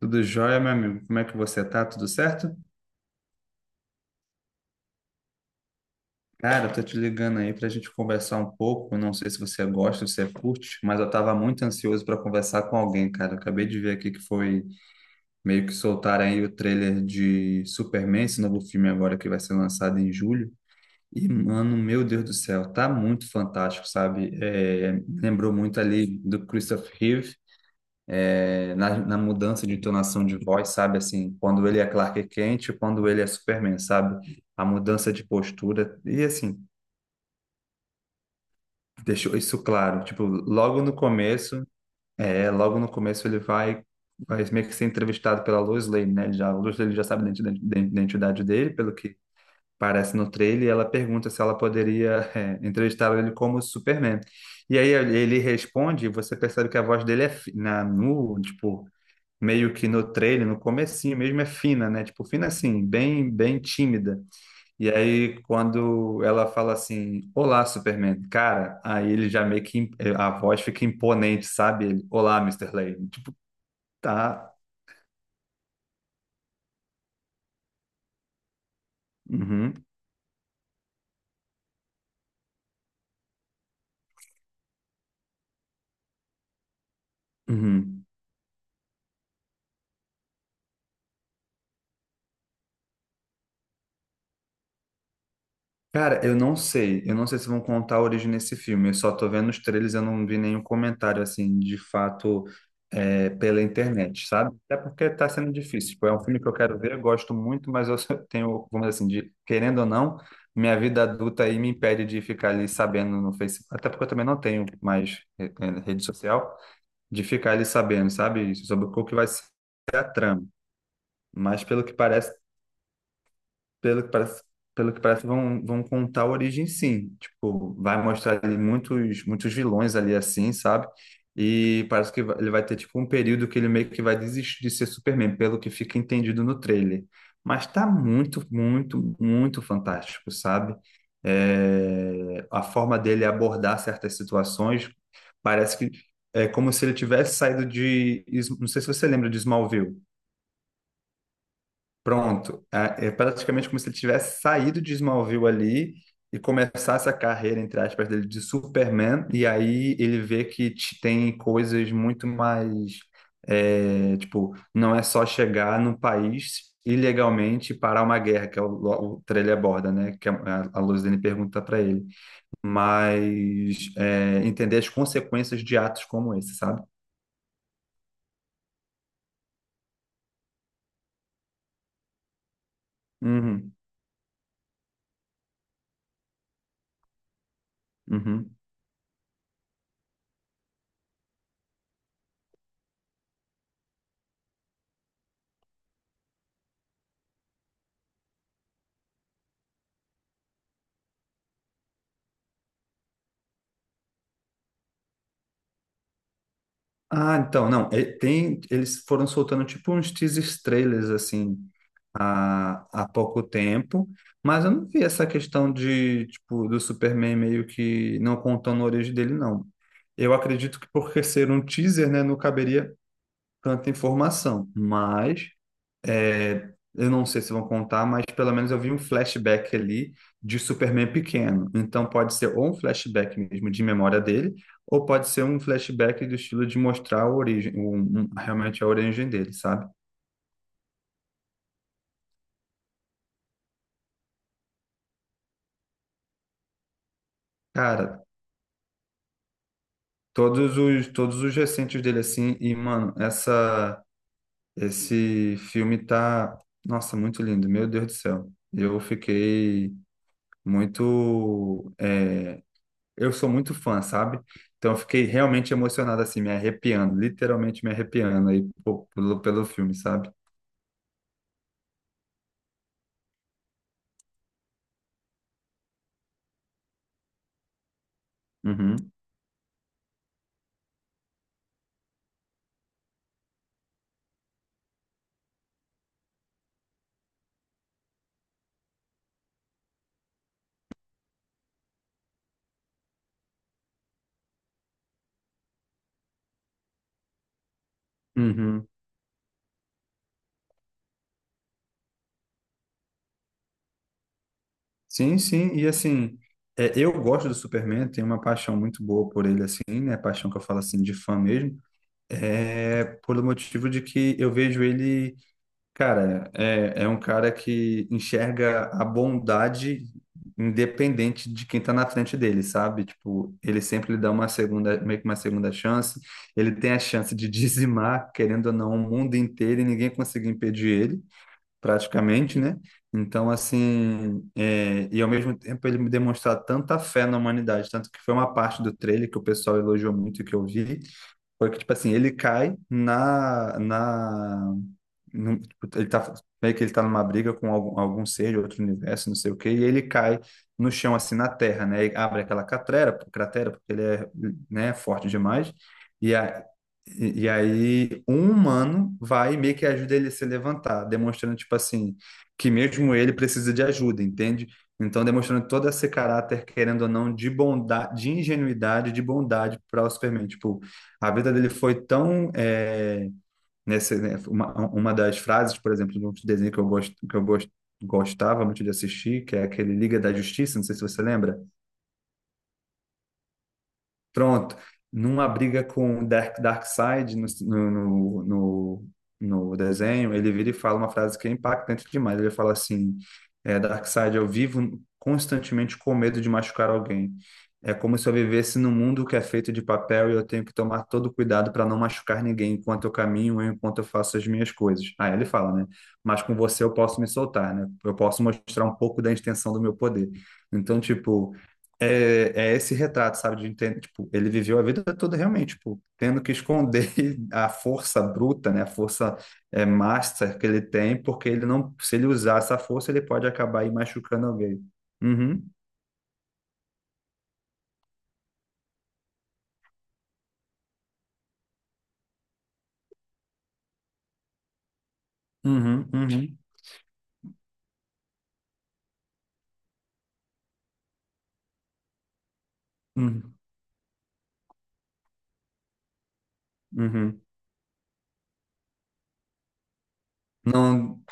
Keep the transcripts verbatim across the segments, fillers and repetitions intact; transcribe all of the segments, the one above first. Tudo jóia, meu amigo? Como é que você tá? Tudo certo? Cara, eu tô te ligando aí pra gente conversar um pouco. Não sei se você gosta, se você curte, mas eu tava muito ansioso para conversar com alguém, cara. Eu acabei de ver aqui que foi meio que soltaram aí o trailer de Superman, esse novo filme agora que vai ser lançado em julho. E, mano, meu Deus do céu, tá muito fantástico, sabe? É, lembrou muito ali do Christopher Reeve, na, na mudança de entonação de voz, sabe? Assim, quando ele é Clark Kent, quando ele é Superman, sabe? A mudança de postura. E assim, deixou isso claro. Tipo, logo no começo, é, logo no começo ele vai, vai meio que ser entrevistado pela Lois Lane, né? Ele Já, a Lois Lane já sabe da identi- da identidade dele, pelo que parece no trailer, e ela pergunta se ela poderia, é, entrevistar ele como Superman. E aí ele responde, e você percebe que a voz dele é fi- na, no, tipo, meio que no trailer, no comecinho mesmo, é fina, né? Tipo, fina assim, bem, bem tímida. E aí, quando ela fala assim, olá, Superman, cara, aí ele já meio que a voz fica imponente, sabe? Ele, olá, mister Lane. Tipo, tá, uhum, uhum. Cara, eu não sei. Eu não sei se vão contar a origem desse filme. Eu só tô vendo os trailers, eu não vi nenhum comentário, assim, de fato, é, pela internet, sabe? Até porque tá sendo difícil. Tipo, é um filme que eu quero ver, eu gosto muito, mas eu só tenho, vamos dizer assim, de, querendo ou não, minha vida adulta aí me impede de ficar ali sabendo no Facebook. Até porque eu também não tenho mais re- eh, rede social, de ficar ali sabendo, sabe? Sobre o que vai ser a trama. Mas pelo que parece, pelo que parece, pelo que parece, vão, vão contar a origem, sim. Tipo, vai mostrar ali muitos, muitos vilões ali assim, sabe? E parece que vai- ele vai ter tipo um período que ele meio que vai desistir de ser Superman, pelo que fica entendido no trailer. Mas tá muito, muito, muito fantástico, sabe? É, a forma dele abordar certas situações parece que é como se ele tivesse saído de. Não sei se você lembra de Smallville. Pronto, é é praticamente como se ele tivesse saído de Smallville ali e começasse a carreira, entre aspas, dele de Superman, e aí ele vê que te- tem coisas muito mais, é, tipo, não é só chegar no país ilegalmente e parar uma guerra, que é o, o trailer aborda, né, que é, a, a Luzene pergunta para ele, mas é, entender as consequências de atos como esse, sabe? Uhum, uhum. Ah, então, não, e- tem, eles foram soltando tipo uns teasers trailers, assim, há, há pouco tempo, mas eu não vi essa questão de, tipo, do Superman meio que não contando a origem dele, não. Eu acredito que por ser um teaser, né, não caberia tanta informação, mas é, eu não sei se vão contar, mas pelo menos eu vi um flashback ali de Superman pequeno. Então pode ser ou um flashback mesmo de memória dele, ou pode ser um flashback do estilo de mostrar a origem, um- um- realmente a origem dele, sabe? Cara, todos os todos os recentes dele assim. E mano, essa esse filme tá, nossa, muito lindo, meu Deus do céu. Eu fiquei muito, é, eu sou muito fã, sabe? Então eu fiquei realmente emocionado, assim, me arrepiando, literalmente me arrepiando aí pô, pelo, pelo filme, sabe? Uhum, uhum. Sim, sim, e assim, é, eu gosto do Superman, tenho uma paixão muito boa por ele, assim, né? Paixão que eu falo, assim, de fã mesmo, é pelo motivo de que eu vejo ele. Cara, é, é um cara que enxerga a bondade independente de quem tá na frente dele, sabe? Tipo, ele sempre lhe dá uma segunda, meio que uma segunda chance. Ele tem a chance de dizimar, querendo ou não, o mundo inteiro e ninguém conseguir impedir ele, praticamente, né? Então, assim, é, e ao mesmo tempo ele me demonstrar tanta fé na humanidade, tanto que foi uma parte do trailer que o pessoal elogiou muito e que eu vi, foi que, tipo assim, ele cai na, na num- tipo, ele tá meio que ele tá numa briga com algum, algum ser de outro universo, não sei o quê, e ele cai no chão assim na terra, né? E abre aquela cratera, cratera porque ele é, né, forte demais. E, a, e, e aí um humano vai e meio que ajuda ele a se levantar, demonstrando tipo assim que mesmo ele precisa de ajuda, entende? Então demonstrando todo esse caráter, querendo ou não, de bondade, de ingenuidade, de bondade para o Superman. Tipo, a vida dele foi tão, eh, nessa, né, uma, uma das frases, por exemplo, de um desenho que eu, gosto, que eu gost, gostava muito de assistir, que é aquele Liga da Justiça, não sei se você lembra. Pronto, numa briga com o Dark, Darkseid no, no, no, no desenho, ele vira e fala uma frase que é impactante demais. Ele fala assim: é, Darkseid, eu vivo constantemente com medo de machucar alguém. É como se eu vivesse num mundo que é feito de papel e eu tenho que tomar todo cuidado para não machucar ninguém enquanto eu caminho, enquanto eu faço as minhas coisas. Aí ele fala, né? Mas com você eu posso me soltar, né? Eu posso mostrar um pouco da extensão do meu poder. Então, tipo. É, é esse retrato, sabe, de entender, tipo, ele viveu a vida toda realmente, tipo, tendo que esconder a força bruta, né, a força, é, master que ele tem, porque ele não, se ele usar essa força, ele pode acabar aí machucando alguém. Uhum, uhum, uhum, uhum, uhum. Não,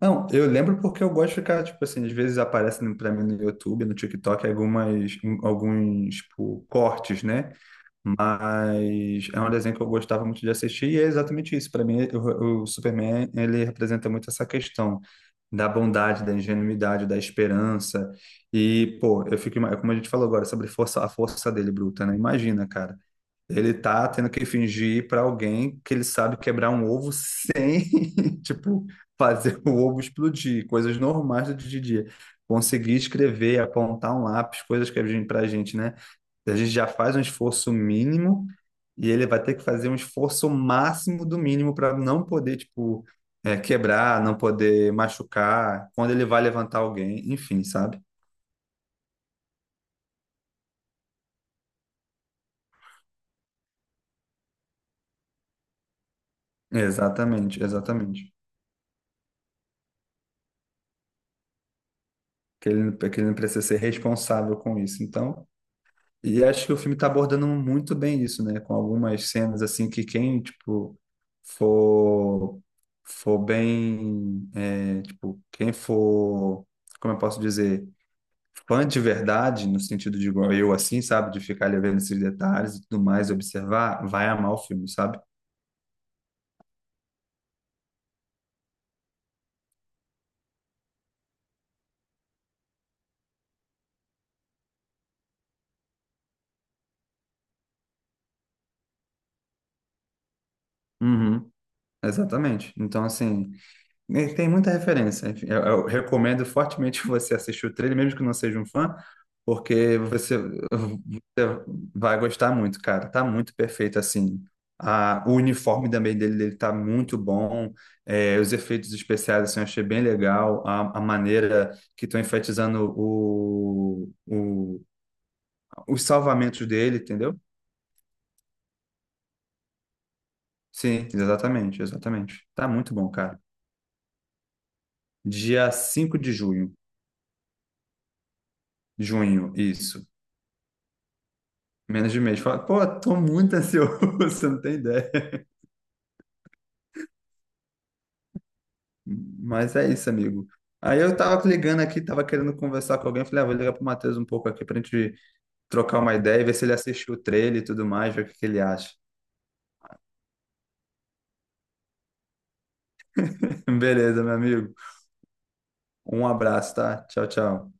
não, eu lembro porque eu gosto de ficar, tipo assim, às vezes aparecem pra mim no YouTube, no TikTok, algumas, alguns, tipo, cortes, né? Mas é um desenho que eu gostava muito de assistir e é exatamente isso. Para mim, o, o Superman, ele representa muito essa questão da bondade, da ingenuidade, da esperança. E, pô, eu fico, ima- como a gente falou agora, sobre força, a força dele bruta, né? Imagina, cara. Ele tá tendo que fingir para alguém que ele sabe quebrar um ovo sem, tipo, fazer o ovo explodir, coisas normais do dia a dia. Conseguir escrever, apontar um lápis, coisas que a gente, pra gente, né? A gente já faz um esforço mínimo e ele vai ter que fazer um esforço máximo do mínimo para não poder, tipo, é, quebrar, não poder machucar, quando ele vai levantar alguém, enfim, sabe? Exatamente, exatamente. Que ele, que ele não precisa ser responsável com isso. Então, e acho que o filme está abordando muito bem isso, né? Com algumas cenas, assim, que quem, tipo, for, for bem, é, tipo, quem for, como eu posso dizer? Fã de verdade, no sentido de igual eu, assim, sabe? De ficar ali vendo esses detalhes e tudo mais, observar, vai amar o filme, sabe? Uhum, exatamente. Então, assim. Ele tem muita referência. Enfim, Eu, eu recomendo fortemente você assistir o trailer, mesmo que não seja um fã, porque você, você vai gostar muito, cara. Tá muito perfeito, assim. A, o uniforme também dele, dele tá muito bom. É, os efeitos especiais, assim, eu achei bem legal. A, a maneira que estão enfatizando o, o, os salvamentos dele, entendeu? Sim, exatamente, exatamente. Tá muito bom, cara. Dia cinco de junho. Junho, isso. Menos de mês. Fala, pô, tô muito ansioso, você não tem ideia. Mas é isso, amigo. Aí eu tava ligando aqui, tava querendo conversar com alguém. Falei, ah, vou ligar pro Matheus um pouco aqui pra gente trocar uma ideia e ver se ele assistiu o trailer e tudo mais, ver o que que ele acha. Beleza, meu amigo. Um abraço, tá? Tchau, tchau.